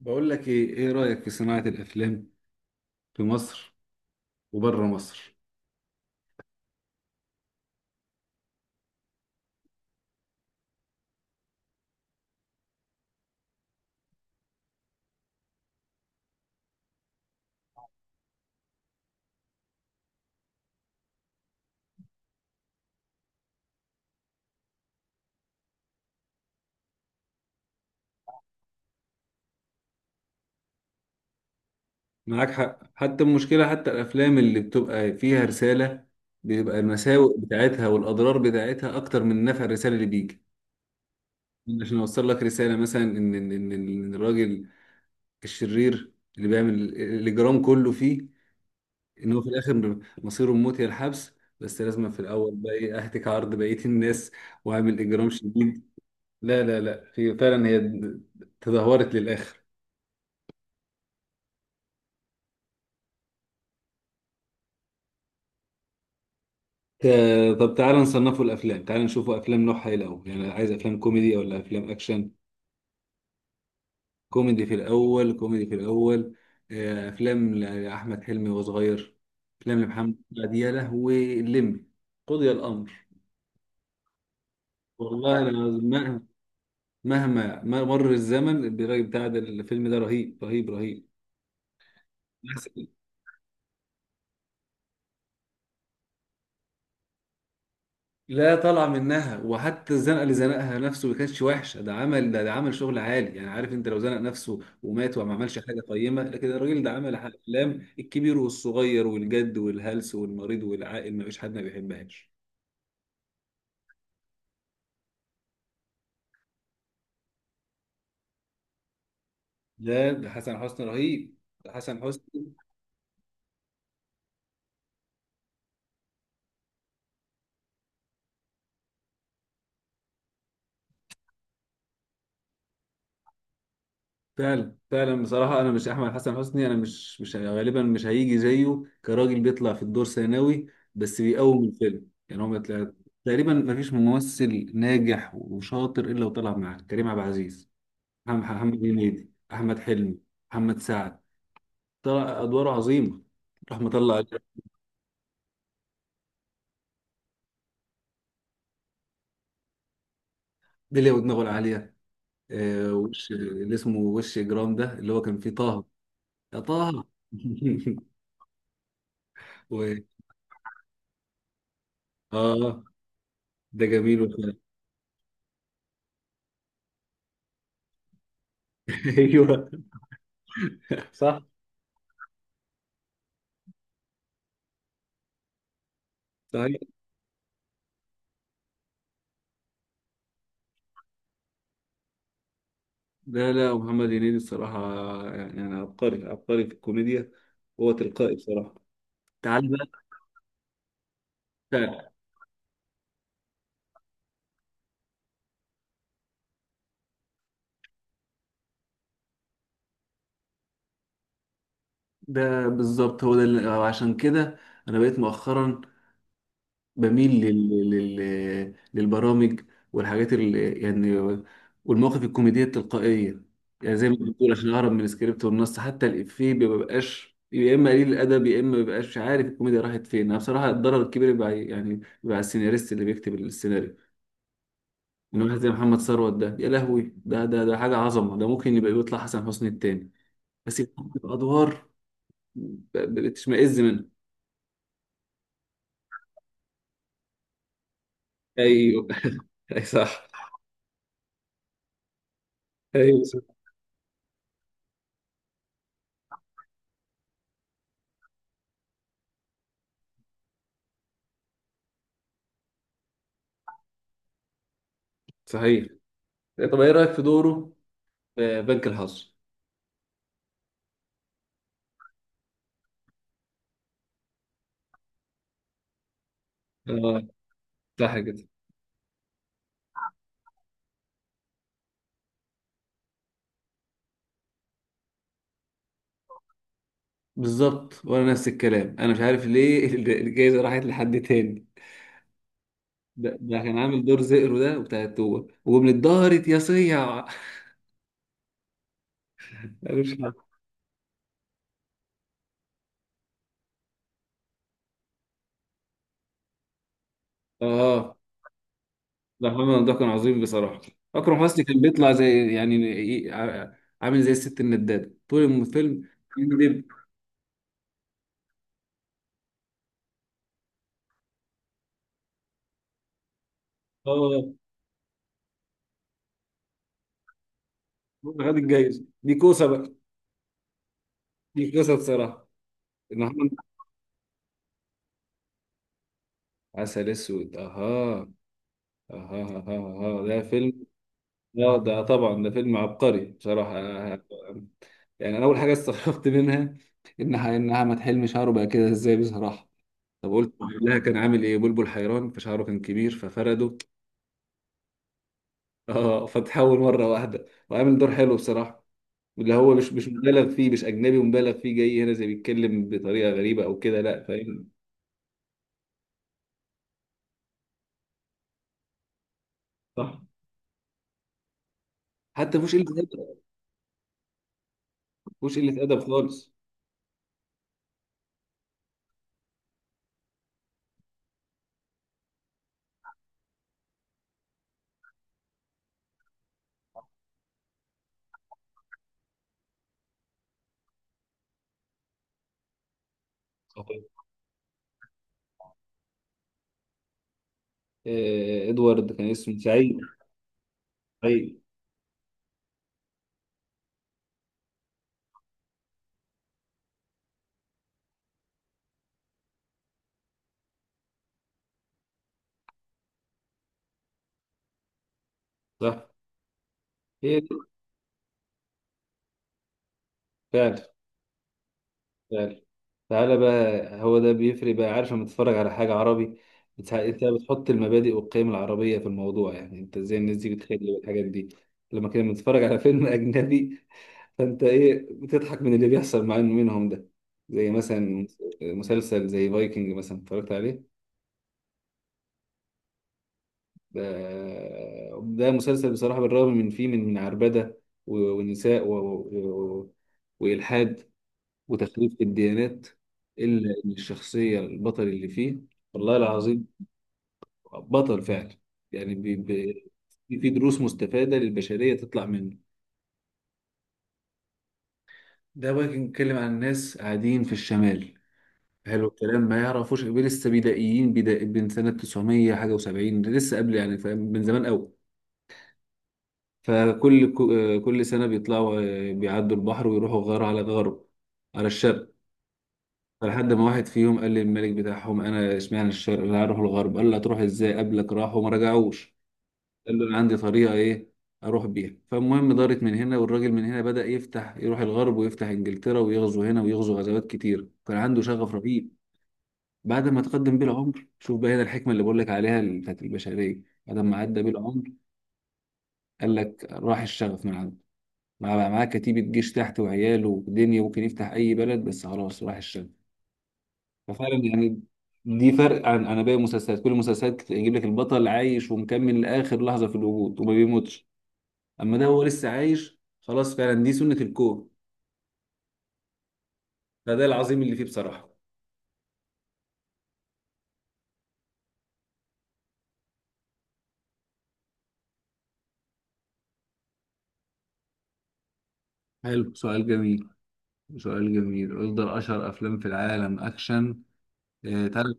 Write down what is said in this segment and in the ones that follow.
بقول لك ايه رأيك في صناعة الافلام في مصر وبره مصر؟ معاك حق، حتى المشكلة، حتى الافلام اللي بتبقى فيها رسالة بيبقى المساوئ بتاعتها والاضرار بتاعتها اكتر من نفع الرسالة اللي بيجي. عشان اوصل لك رسالة مثلا ان ان ان إن الراجل الشرير اللي بيعمل الاجرام كله فيه، ان هو في الاخر مصيره الموت يا الحبس، بس لازم في الاول بقى ايه اهتك عرض بقية الناس واعمل اجرام شديد. لا لا لا، هي فعلا هي تدهورت للاخر. طب تعالى نصنفه الافلام، تعالى نشوفه افلام نوعها ايه الاول، يعني عايز افلام كوميدي ولا افلام اكشن؟ كوميدي في الاول، كوميدي في الاول. افلام لاحمد حلمي وهو صغير، افلام لمحمد سعد، يا لهوي اللمبي! قضي الامر. والله العظيم مهما ما مر الزمن، الراجل بتاع ده، الفيلم ده رهيب رهيب رهيب. لا طالعه منها، وحتى الزنقه اللي زنقها نفسه ما كانتش وحشه، ده عمل، ده عمل شغل عالي، يعني عارف انت لو زنق نفسه ومات وما عملش حاجه قيمه، لكن الراجل ده عمل افلام الكبير والصغير والجد والهلس والمريض والعاقل، ما فيش حد ما بيحبهاش. ده حسن حسني رهيب، ده حسن حسني. فعلا فعلا بصراحة أنا مش أحمد حسن حسني، أنا مش غالبا مش هيجي زيه كراجل بيطلع في الدور ثانوي بس بيقوم الفيلم، يعني هو ما طلع- تقريبا ما فيش ممثل ناجح وشاطر إلا وطلع معاه كريم عبد العزيز، محمد هنيدي، أحمد حلمي، محمد سعد، طلع أدواره عظيمة راح مطلع. بلية ودماغه العالية، وش اللي اسمه، وش إجرام ده اللي هو كان فيه طه، يا طه. و... آه ده جميل وفعلا. ايوه صح. صحيح، لا لا، محمد هنيدي الصراحة، يعني أنا عبقري عبقري في الكوميديا، هو تلقائي بصراحة، تعال بقى. ده ده بالظبط هو ده اللي عشان كده أنا بقيت مؤخرا بميل للبرامج والحاجات اللي يعني، والمواقف الكوميدية التلقائية، يعني زي ما بتقول عشان أهرب من السكريبت والنص، حتى الإفيه ما بيبقاش، يا إما قليل الأدب، يا إما ما بيبقاش عارف الكوميديا راحت فين، أنا بصراحة الضرر الكبير بيبقى يعني بيبقى على السيناريست اللي بيكتب السيناريو. من واحد زي محمد ثروت ده، يا لهوي، ده حاجة عظمة، ده ممكن يبقى يطلع حسن حسني التاني، بس يتحط في أدوار بتشمئز منها. أيوه، أي صح، أيوه صح. صحيح، طب إيه رأيك في دوره في بنك الحظ؟ اه، صح كده. بالظبط، وأنا نفس الكلام، أنا مش عارف ليه الجايزة راحت لحد تاني. ده كان عامل دور زئرو ده وبتاع التوه، ومن اتدهرت يا صيع. أنا مش عارف. اه، لا محمد ده كان عظيم بصراحة، أكرم حسني كان بيطلع زي، يعني عامل زي الست الندادة طول الفيلم بيكذب. اه، هو خد الجايزة دي كوسة بقى، دي كوسة بصراحة، محمد. عسل أسود، أها أها أها أها، ده فيلم، اه ده طبعا ده فيلم عبقري بصراحة. يعني أنا أول حاجة استغربت منها، إنها ما تحلمش شعره بقى كده إزاي بصراحة، طب قلت لها كان عامل إيه بلبل حيران، فشعره كان كبير ففرده. اه، فتحول مره واحده وعامل دور حلو بصراحه، اللي هو مش مبالغ فيه، مش اجنبي ومبالغ فيه جاي هنا زي بيتكلم بطريقه غريبه او كده، لا فاهم. صح، حتى مفيش قله ادب، مفيش قله ادب خالص. صحيح. ادوارد كان اسمه سعيد، سعيد، صح. هي دي فعلا فعلا. تعالى بقى، هو ده بيفرق بقى، عارف لما تتفرج على حاجه عربي انت بتحط المبادئ والقيم العربيه في الموضوع، يعني انت ازاي الناس دي بتخلي بالحاجات دي. لما كنا بنتفرج على فيلم اجنبي، فانت ايه بتضحك من اللي بيحصل مع منهم ده، زي مثلا مسلسل زي فايكنج مثلا اتفرجت عليه. ده ده مسلسل بصراحة، بالرغم من فيه من عربدة و- ونساء و... و... وإلحاد وتخريب في الديانات، إلا إن الشخصية البطل اللي فيه، والله العظيم، بطل فعلا، يعني في دروس مستفادة للبشرية تطلع منه. ده فايكنج بيتكلم عن ناس قاعدين في الشمال، حلو الكلام، ما يعرفوش لسه بدائيين، بدا من سنه 900 حاجه و70، لسه قبل يعني فاهم، من زمان قوي. فكل كل سنه بيطلعوا، بيعدوا البحر ويروحوا غار على غرب، على الشرق. فلحد ما واحد فيهم قال للملك بتاعهم: انا اشمعنى الشرق، انا هروح الغرب، قال له: هتروح ازاي، قبلك راحوا وما رجعوش، قال له: انا عندي طريقه ايه اروح بيها، فالمهم دارت من هنا، والراجل من هنا بدأ يفتح، يروح الغرب ويفتح انجلترا ويغزو هنا ويغزو غزوات كتير، كان عنده شغف رهيب. بعد ما تقدم بيه العمر، شوف بقى هنا الحكمة اللي بقول لك عليها، اللي بتاعت البشرية، بعد ما عدى بيه العمر، قال لك راح الشغف من عنده، معاه كتيبة جيش تحت وعياله ودنيا، ممكن يفتح أي بلد، بس خلاص راح الشغف. ففعلا يعني دي فرق عن باقي المسلسلات، كل المسلسلات يجيب لك البطل عايش ومكمل لآخر لحظة في الوجود وما بيموتش، أما ده هو لسه عايش خلاص، فعلا دي سنة الكون. فده العظيم اللي فيه بصراحة. حلو، سؤال جميل، سؤال جميل، افضل اشهر افلام في العالم اكشن، تعرف.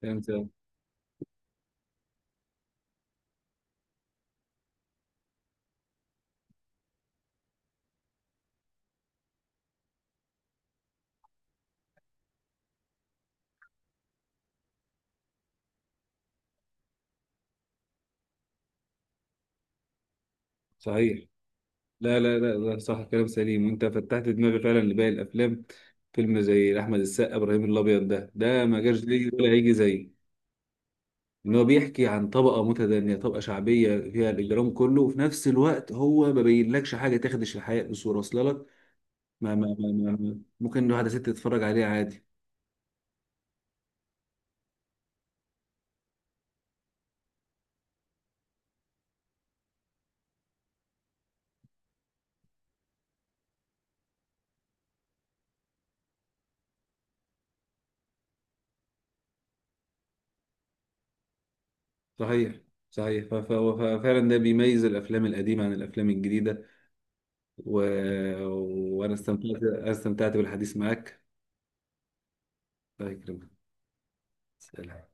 كلام سليم. صحيح، لا لا لا لا صح، كلام سليم، وانت فتحت دماغي فعلا لباقي الافلام، فيلم زي احمد السقا، ابراهيم الابيض، ده ما جاش ليه ولا هيجي زيه. ان هو بيحكي عن طبقه متدنيه، طبقه شعبيه فيها الاجرام كله، وفي نفس الوقت هو ما بينلكش حاجه تخدش الحياه بصوره واصله لك، ممكن واحده ست تتفرج عليه عادي. صحيح، صحيح، ففعلا ده بيميز الافلام القديمه عن الافلام الجديده، و... وانا استمتعت، استمتعت بالحديث معك. الله يكرمك، سلام.